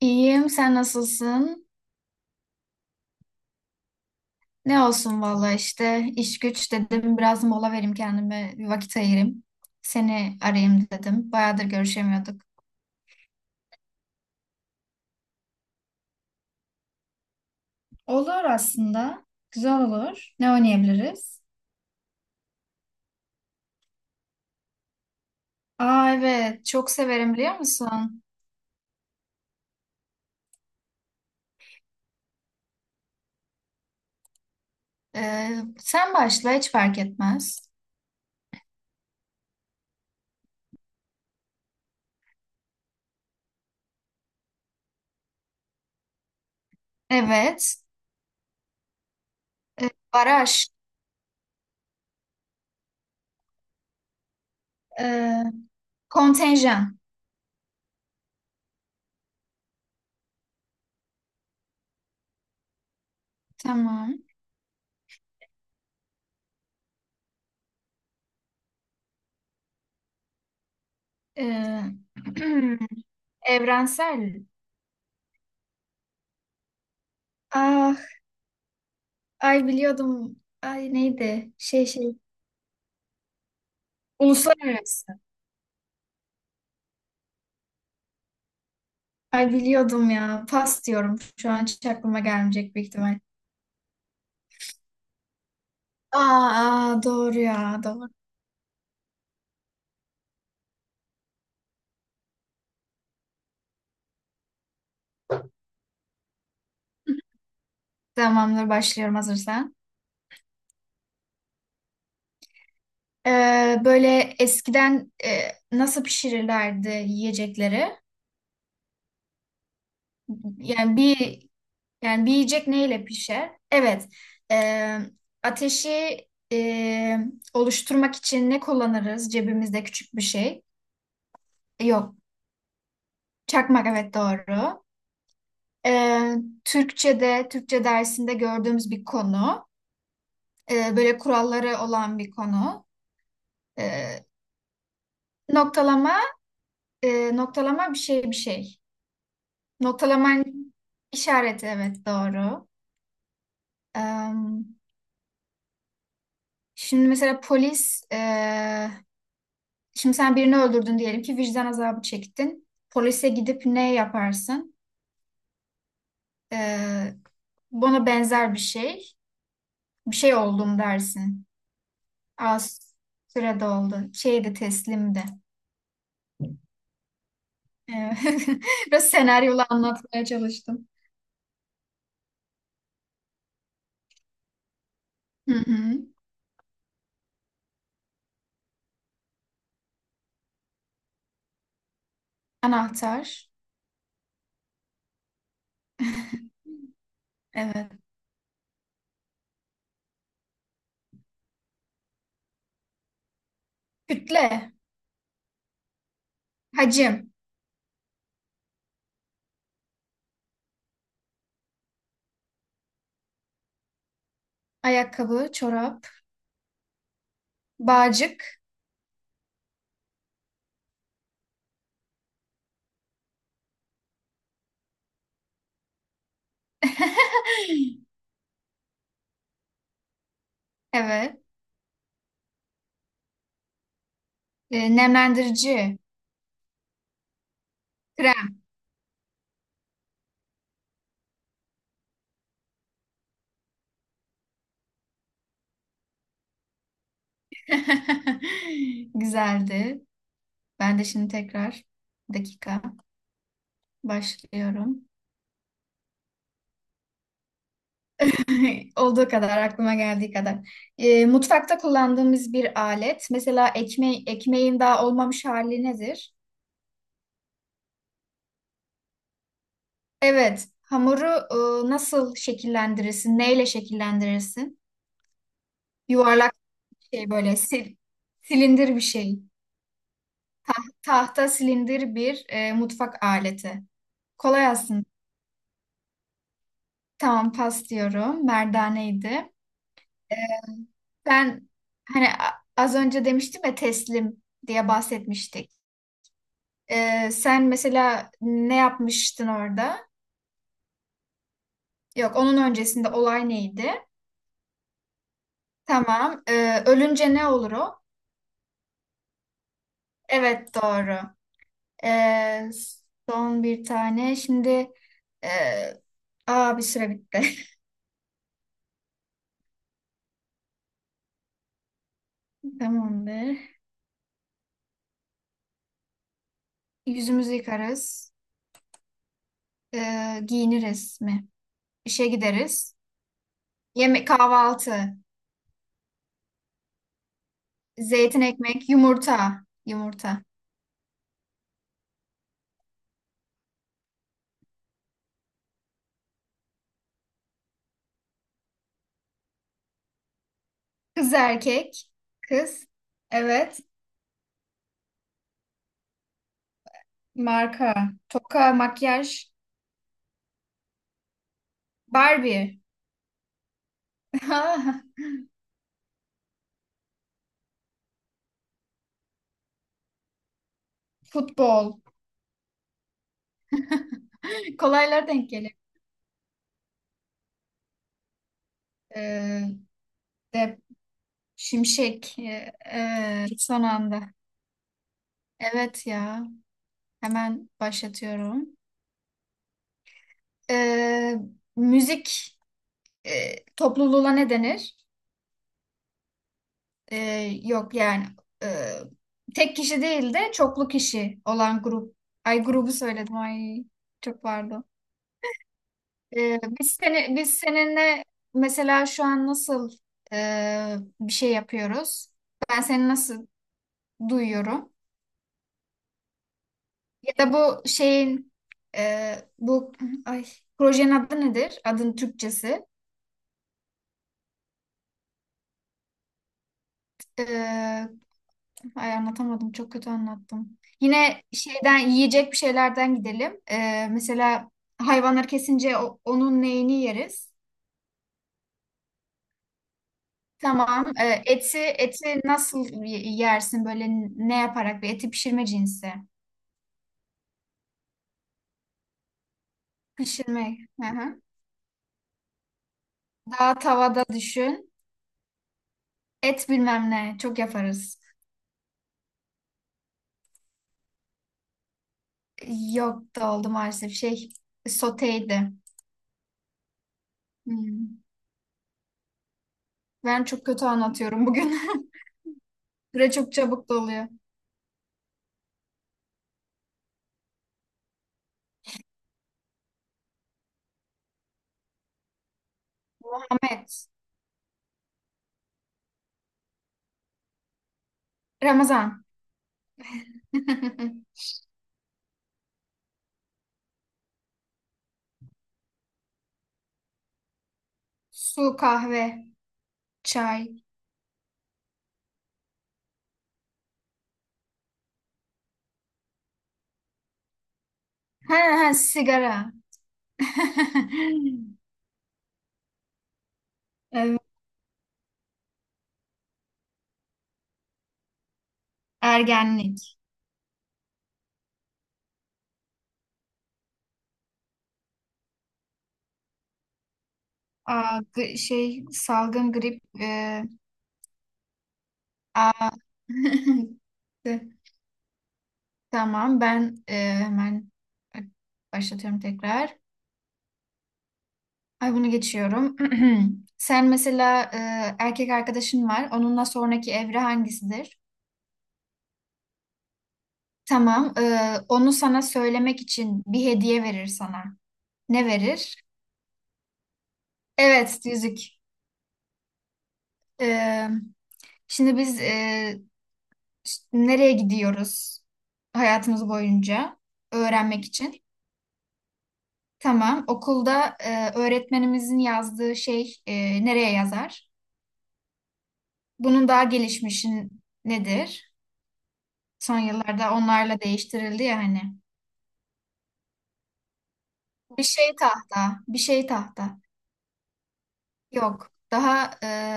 İyiyim, sen nasılsın? Ne olsun valla işte iş güç dedim biraz mola vereyim kendime bir vakit ayırayım. Seni arayayım dedim. Bayağıdır görüşemiyorduk. Olur aslında. Güzel olur. Ne oynayabiliriz? Aa evet, çok severim biliyor musun? Sen başla, hiç fark etmez. Evet. Baraj. Ee, Kontenjan. Tamam. Ee, Evrensel. Aa, ay biliyordum. Ay neydi? Şey. Uluslararası. Ay biliyordum ya. Pas diyorum. Şu an hiç aklıma gelmeyecek büyük ihtimal. Aa, aa, doğru ya. Doğru. Tamamdır, başlıyorum hazırsan. Böyle eskiden nasıl pişirirlerdi yiyecekleri? Yani bir yani bir yiyecek neyle pişer? Evet. Ee, Ateşi e, oluşturmak için ne kullanırız? Cebimizde küçük bir şey. Yok. Çakmak, evet doğru. Ee, Türkçe'de, Türkçe dersinde gördüğümüz bir konu. Böyle kuralları olan bir konu. Ee, Noktalama, noktalama, bir şey. Noktalaman işareti, evet doğru. Ee, Şimdi mesela polis, şimdi sen birini öldürdün diyelim ki, vicdan azabı çektin. Polise gidip ne yaparsın? Ee, Buna benzer bir şey. Bir şey oldum dersin. Az sürede oldu. Şeydi, teslimdi. Evet. Biraz senaryola anlatmaya çalıştım. Hı hı. Anahtar. Evet. Kütle. Hacim. Ayakkabı, çorap, bağcık. Evet. E, nemlendirici. Krem. Güzeldi. Ben de şimdi tekrar bir dakika başlıyorum. Olduğu kadar, aklıma geldiği kadar. E, mutfakta kullandığımız bir alet. Mesela ekmeğin daha olmamış hali nedir? Evet. Hamuru nasıl şekillendirirsin? Neyle şekillendirirsin? Yuvarlak bir şey, böyle silindir bir şey. Tahta silindir bir mutfak aleti. Kolay aslında. Tamam, pas diyorum. Merdaneydi. Ben hani az önce demiştim ya, teslim diye bahsetmiştik. E, sen mesela ne yapmıştın orada? Yok, onun öncesinde olay neydi? Tamam. E, ölünce ne olur o? Evet doğru. Ee, Son bir tane. Şimdi e, aa, bir süre bitti. Tamamdır. Yüzümüzü yıkarız. Giyiniriz mi? İşe gideriz. Yemek, kahvaltı. Zeytin, ekmek, yumurta. Yumurta. Kız, erkek. Kız. Evet. Marka. Toka, makyaj. Barbie. Futbol. Kolaylar denk gelir. Ee, de, şimşek. Son anda. Evet ya. Hemen başlatıyorum. Ee, Müzik topluluğuna ne denir? Ee, Yok yani, e, tek kişi değil de çoklu kişi olan grup. Ay, grubu söyledim. Ay çok pardon. Biz seninle mesela şu an nasıl bir şey yapıyoruz? Ben seni nasıl duyuyorum? Ya da bu ay projenin adı nedir? Adın Türkçesi. E, Ay anlatamadım. Çok kötü anlattım. Yine şeyden, yiyecek bir şeylerden gidelim. Mesela hayvanları kesince onun neyini yeriz? Tamam. Eti nasıl yersin böyle, ne yaparak, bir eti pişirme cinsi. Pişirme. Hı hı. Daha tavada düşün. Et bilmem ne. Çok yaparız. Yok, da oldu maalesef. Şey, soteydi. Hmm. Ben çok kötü anlatıyorum bugün. Süre çok çabuk doluyor. Ahmet. Ramazan. Su, kahve, çay. Ha, ha sigara. Evet, ergenlik. Aa, şey, salgın, grip. Aa. Tamam, ben hemen başlatıyorum tekrar. Ay, bunu geçiyorum. Sen mesela erkek arkadaşın var. Onunla sonraki evre hangisidir? Tamam. E, onu sana söylemek için bir hediye verir sana. Ne verir? Evet, yüzük. E, Şimdi biz nereye gidiyoruz hayatımız boyunca öğrenmek için? Tamam, okulda öğretmenimizin yazdığı şey nereye yazar? Bunun daha gelişmişi nedir? Son yıllarda onlarla değiştirildi ya hani. Bir şey tahta, bir şey tahta. Yok, daha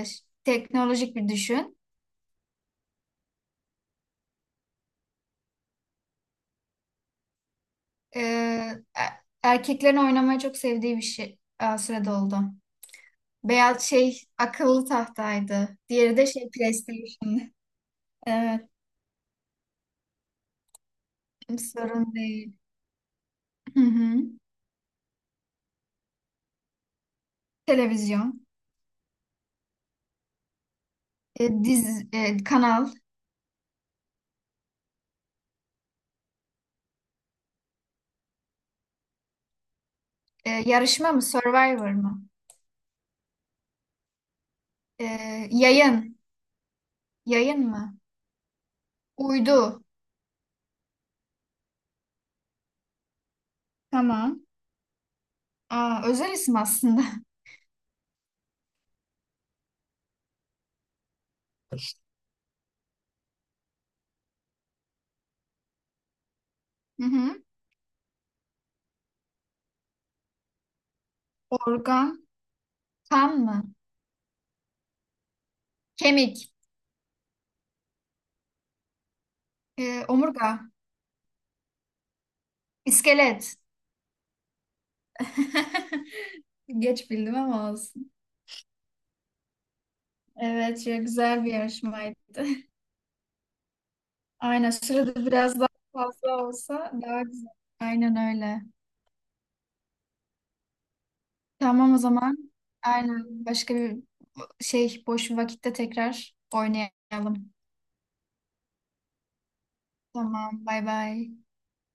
teknolojik bir düşün. E, e- Erkeklerin oynamayı çok sevdiği bir şey. Aa, süre doldu. Beyaz şey, akıllı tahtaydı. Diğeri de şey, PlayStation. Evet, sorun değil. Hı hı. Televizyon, kanal, yarışma mı, Survivor mı? E, yayın, Yayın mı? Uydu. Tamam. Aa, özel isim aslında. Hı hı. Organ, kan mı? Kemik, omurga, iskelet. Geç bildim ama olsun. Evet, çok güzel bir yarışmaydı. Aynen, şurada biraz daha fazla olsa daha güzel. Aynen öyle. Tamam o zaman. Aynen, başka bir şey boş bir vakitte tekrar oynayalım. Tamam, bay bay.